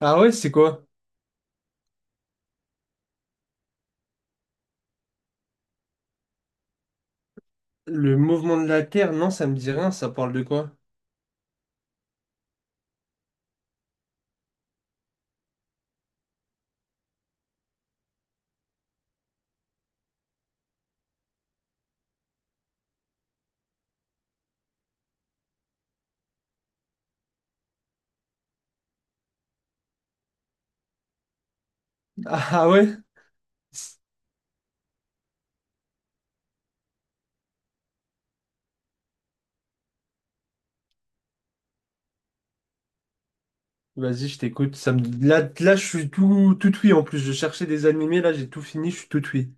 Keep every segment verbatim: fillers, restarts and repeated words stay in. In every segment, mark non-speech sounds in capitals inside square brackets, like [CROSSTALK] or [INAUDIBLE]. Ah ouais, c'est quoi? Le Mouvement de la Terre? Non, ça me dit rien, ça parle de quoi? Ah ouais? Vas-y, je t'écoute. Ça me... Là, là, je suis tout, tout oui en plus. Je cherchais des animés, là, j'ai tout fini, je suis tout oui.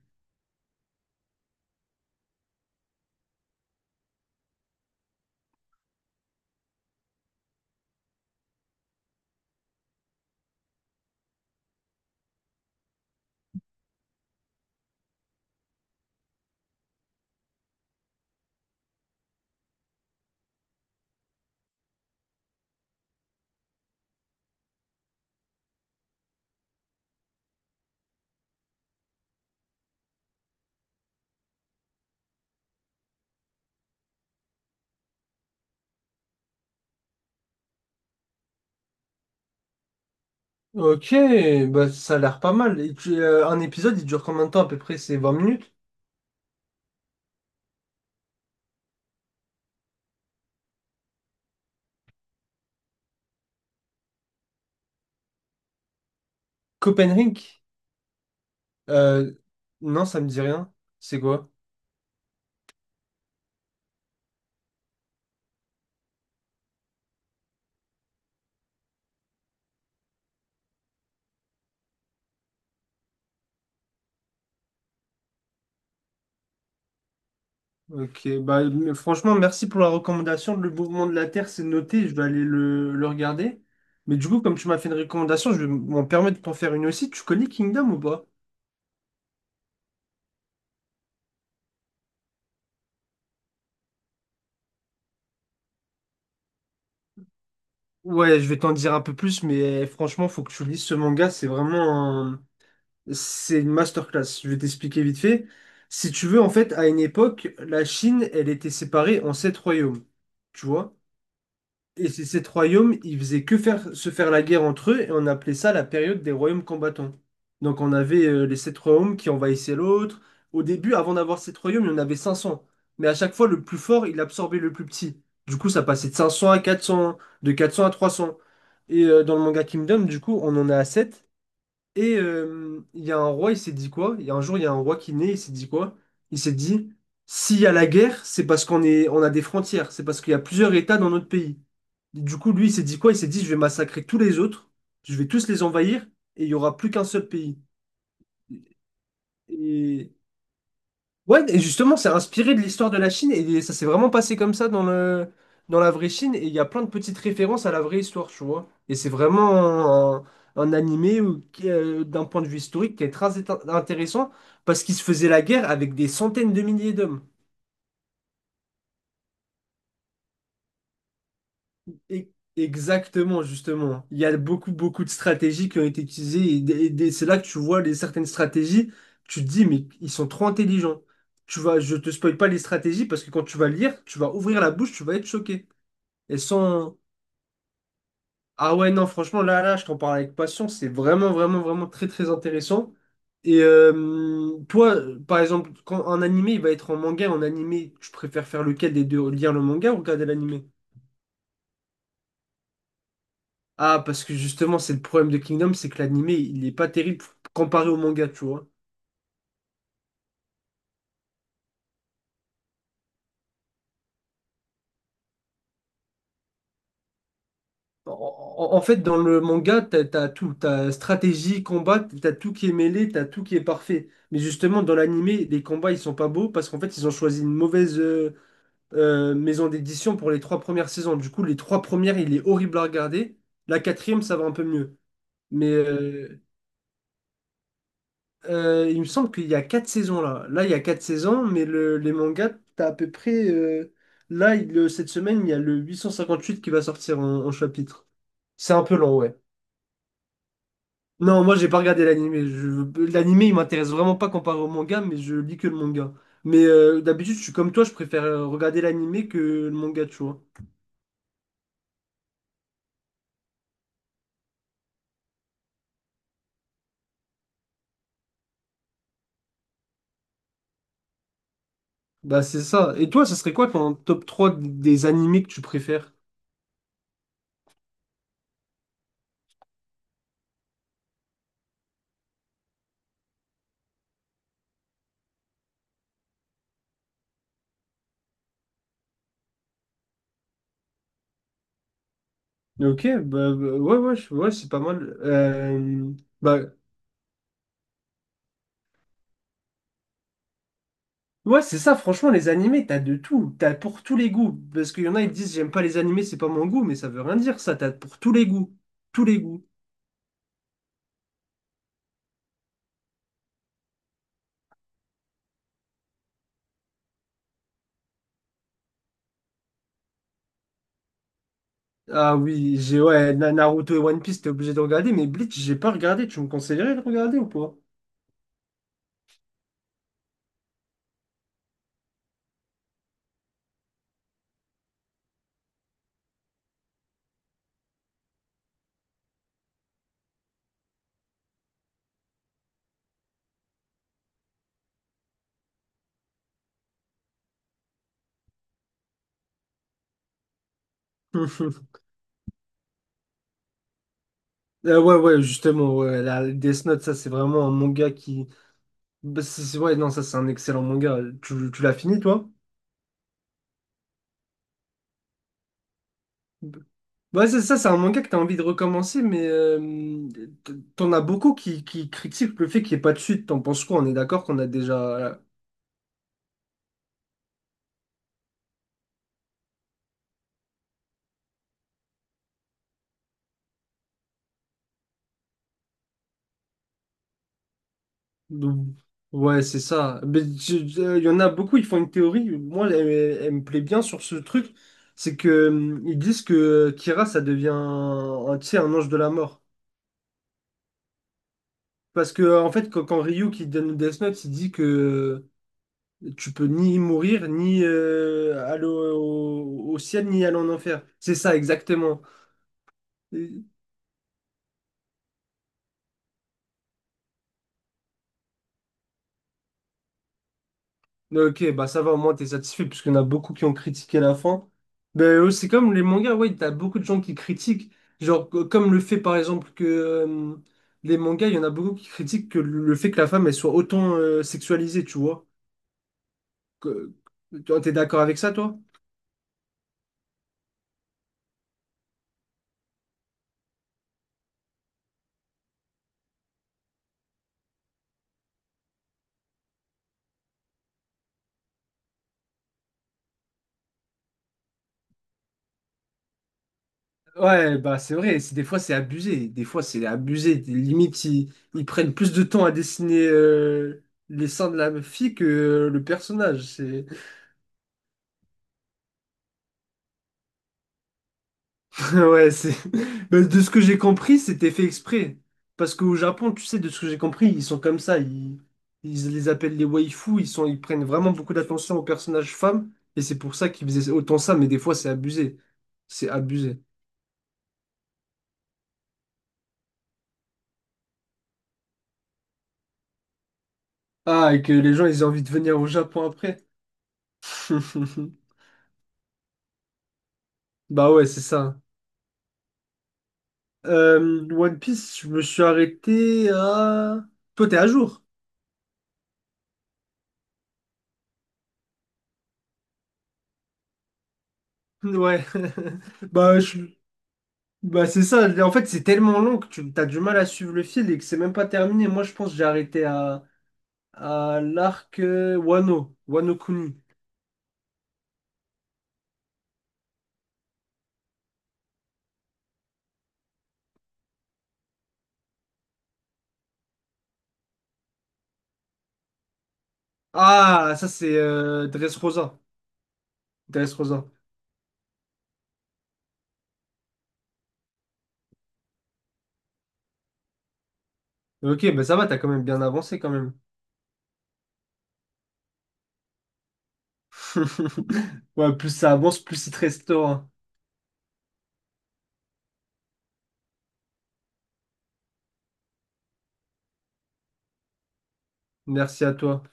Ok, bah ça a l'air pas mal. Et tu- euh, un épisode, il dure combien de temps à peu près? C'est vingt minutes? Copenhague? Euh, non, ça me dit rien. C'est quoi? Ok, bah, mais franchement, merci pour la recommandation. Le Mouvement de la Terre, c'est noté, je vais aller le, le regarder. Mais du coup, comme tu m'as fait une recommandation, je vais m'en permettre de t'en faire une aussi. Tu connais Kingdom ou pas? Ouais, je vais t'en dire un peu plus, mais eh, franchement, faut que tu lises ce manga. C'est vraiment un- c'est une masterclass. Je vais t'expliquer vite fait. Si tu veux, en fait, à une époque, la Chine, elle était séparée en sept royaumes. Tu vois? Et ces sept royaumes, ils faisaient que faire, se faire la guerre entre eux, et on appelait ça la période des royaumes combattants. Donc on avait euh, les sept royaumes qui envahissaient l'autre. Au début, avant d'avoir sept royaumes, il y en avait cinq cents. Mais à chaque fois, le plus fort, il absorbait le plus petit. Du coup, ça passait de cinq cents à quatre cents, de quatre cents à trois cents. Et euh, dans le manga Kingdom, du coup, on en est à sept. Et euh, il y a un roi, il s'est dit quoi? Il y a un jour, il y a un roi qui naît, il s'est dit quoi? Il s'est dit, s'il y a la guerre, c'est parce qu'on est, on a des frontières, c'est parce qu'il y a plusieurs États dans notre pays. Du coup, lui, il s'est dit quoi? Il s'est dit, je vais massacrer tous les autres, je vais tous les envahir, et il y aura plus qu'un seul pays. Et Ouais, et justement, c'est inspiré de l'histoire de la Chine et ça s'est vraiment passé comme ça dans le, dans la vraie Chine. Et il y a plein de petites références à la vraie histoire, tu vois. Et c'est vraiment un, un animé où- qui, euh, d'un point de vue historique qui est très int- intéressant parce qu'il se faisait la guerre avec des centaines de milliers d'hommes. Et- Exactement, justement. Il y a beaucoup, beaucoup de stratégies qui ont été utilisées et, des- et des- c'est là que tu vois les, certaines stratégies. Tu te dis, mais ils sont trop intelligents. Tu vas, je te spoil pas les stratégies parce que quand tu vas lire, tu vas ouvrir la bouche, tu vas être choqué. Elles sont... Ah ouais, non, franchement, là, là, je t'en parle avec passion. C'est vraiment, vraiment, vraiment très, très intéressant. Et euh, toi, par exemple, quand un animé, il va être en manga, en animé, tu préfères faire lequel des deux? Lire le manga ou regarder l'animé? Ah, parce que justement, c'est le problème de Kingdom, c'est que l'animé, il est pas terrible comparé au manga, tu vois. En, en- en fait, dans le manga, t'as, t'as tout. T'as stratégie, combat, t'as tout qui est mêlé, t'as tout qui est parfait. Mais justement, dans l'animé, les combats, ils sont pas beaux parce qu'en fait, ils ont choisi une mauvaise... euh, euh, maison d'édition pour les trois premières saisons. Du coup, les trois premières, il est horrible à regarder. La quatrième, ça va un peu mieux. Mais euh, euh, il me semble qu'il y a quatre saisons là. Là, il y a quatre saisons, mais le, les mangas, t'as à peu près. Euh, là, il- le- cette semaine, il y a le huit cent cinquante-huit qui va sortir en, en chapitre. C'est un peu long, ouais. Non, moi, j'ai pas regardé l'animé. Je- L'animé, il m'intéresse vraiment pas comparé au manga, mais je lis que le manga. Mais euh, d'habitude, je suis comme toi, je préfère euh, regarder l'animé que le manga, tu vois. Bah c'est ça. Et toi, ça serait quoi ton top trois des animés que tu préfères? Ok, bah, bah, ouais, ouais, je- ouais, c'est pas mal. Euh, bah, ouais, c'est ça, franchement, les animés, t'as de tout. T'as pour tous les goûts. Parce qu'il y en a, ils te disent, j'aime pas les animés, c'est pas mon goût, mais ça veut rien dire, ça. T'as pour tous les goûts. Tous les goûts. Ah oui, j'ai, ouais, Na- Naruto et One Piece, t'es obligé de regarder, mais Bleach, j'ai pas regardé. Tu me conseillerais de regarder ou pas? [LAUGHS] Euh, ouais, ouais, justement, ouais, la Death Note, ça, c'est vraiment un manga qui, Bah, c'est- c'est- ouais, non, ça c'est un excellent manga. Tu, tu l'as fini, toi? Ouais, c'est ça, c'est un manga que t'as envie de recommencer, mais euh, t- t'en as beaucoup qui, qui critiquent le fait qu'il n'y ait pas de suite. T'en penses quoi? On est d'accord qu'on a déjà. Ouais, c'est ça. Mais tu- tu- euh, il y en a beaucoup, ils font une théorie. Moi, elle, elle me plaît bien sur ce truc. C'est que euh, ils disent que Kira, ça devient un, un, tu sais, un ange de la mort. Parce que, en fait, quand, quand, Ryu qui donne Death Note, il dit que. Tu peux ni mourir, ni euh, aller au, au- ciel, ni aller en enfer. C'est ça, exactement. Et- Ok, bah ça va, au moins t'es satisfait, parce qu'il y en a beaucoup qui ont critiqué la fin. Ben, euh, c'est comme les mangas, ouais, t'as beaucoup de gens qui critiquent. Genre, co- comme le fait, par exemple, que euh, les mangas, il y en a beaucoup qui critiquent que le fait que la femme, elle soit autant euh, sexualisée, tu vois. Que- que- T'es d'accord avec ça, toi? Ouais, bah c'est vrai, c'est des fois c'est abusé, des fois c'est abusé, Des- limites ils, ils prennent plus de temps à dessiner euh, les seins de la fille que euh, le personnage, c'est [LAUGHS] ouais, c'est Bah, de ce que j'ai compris, c'était fait exprès parce qu'au Japon, tu sais de ce que j'ai compris, ils sont comme ça, ils, ils les appellent les waifus, ils sont ils prennent vraiment beaucoup d'attention aux personnages femmes et c'est pour ça qu'ils faisaient autant ça, mais des fois c'est abusé. C'est abusé. Ah, et que les gens ils ont envie de venir au Japon après. [LAUGHS] Bah ouais, c'est ça. Euh, One Piece, je me suis arrêté à... Toi, t'es à jour? Ouais. [LAUGHS] Bah, je- bah c'est ça. En fait, c'est tellement long que tu as du mal à suivre le fil et que c'est même pas terminé. Moi, je pense que j'ai arrêté à, à, l'arc euh, Wano, Wano Kuni. Ah, ça, c'est euh, Dressrosa. Dressrosa. Ok, bah ça va, t'as quand même bien avancé quand même. [LAUGHS] Ouais, plus ça avance, plus il te restera. Merci à toi.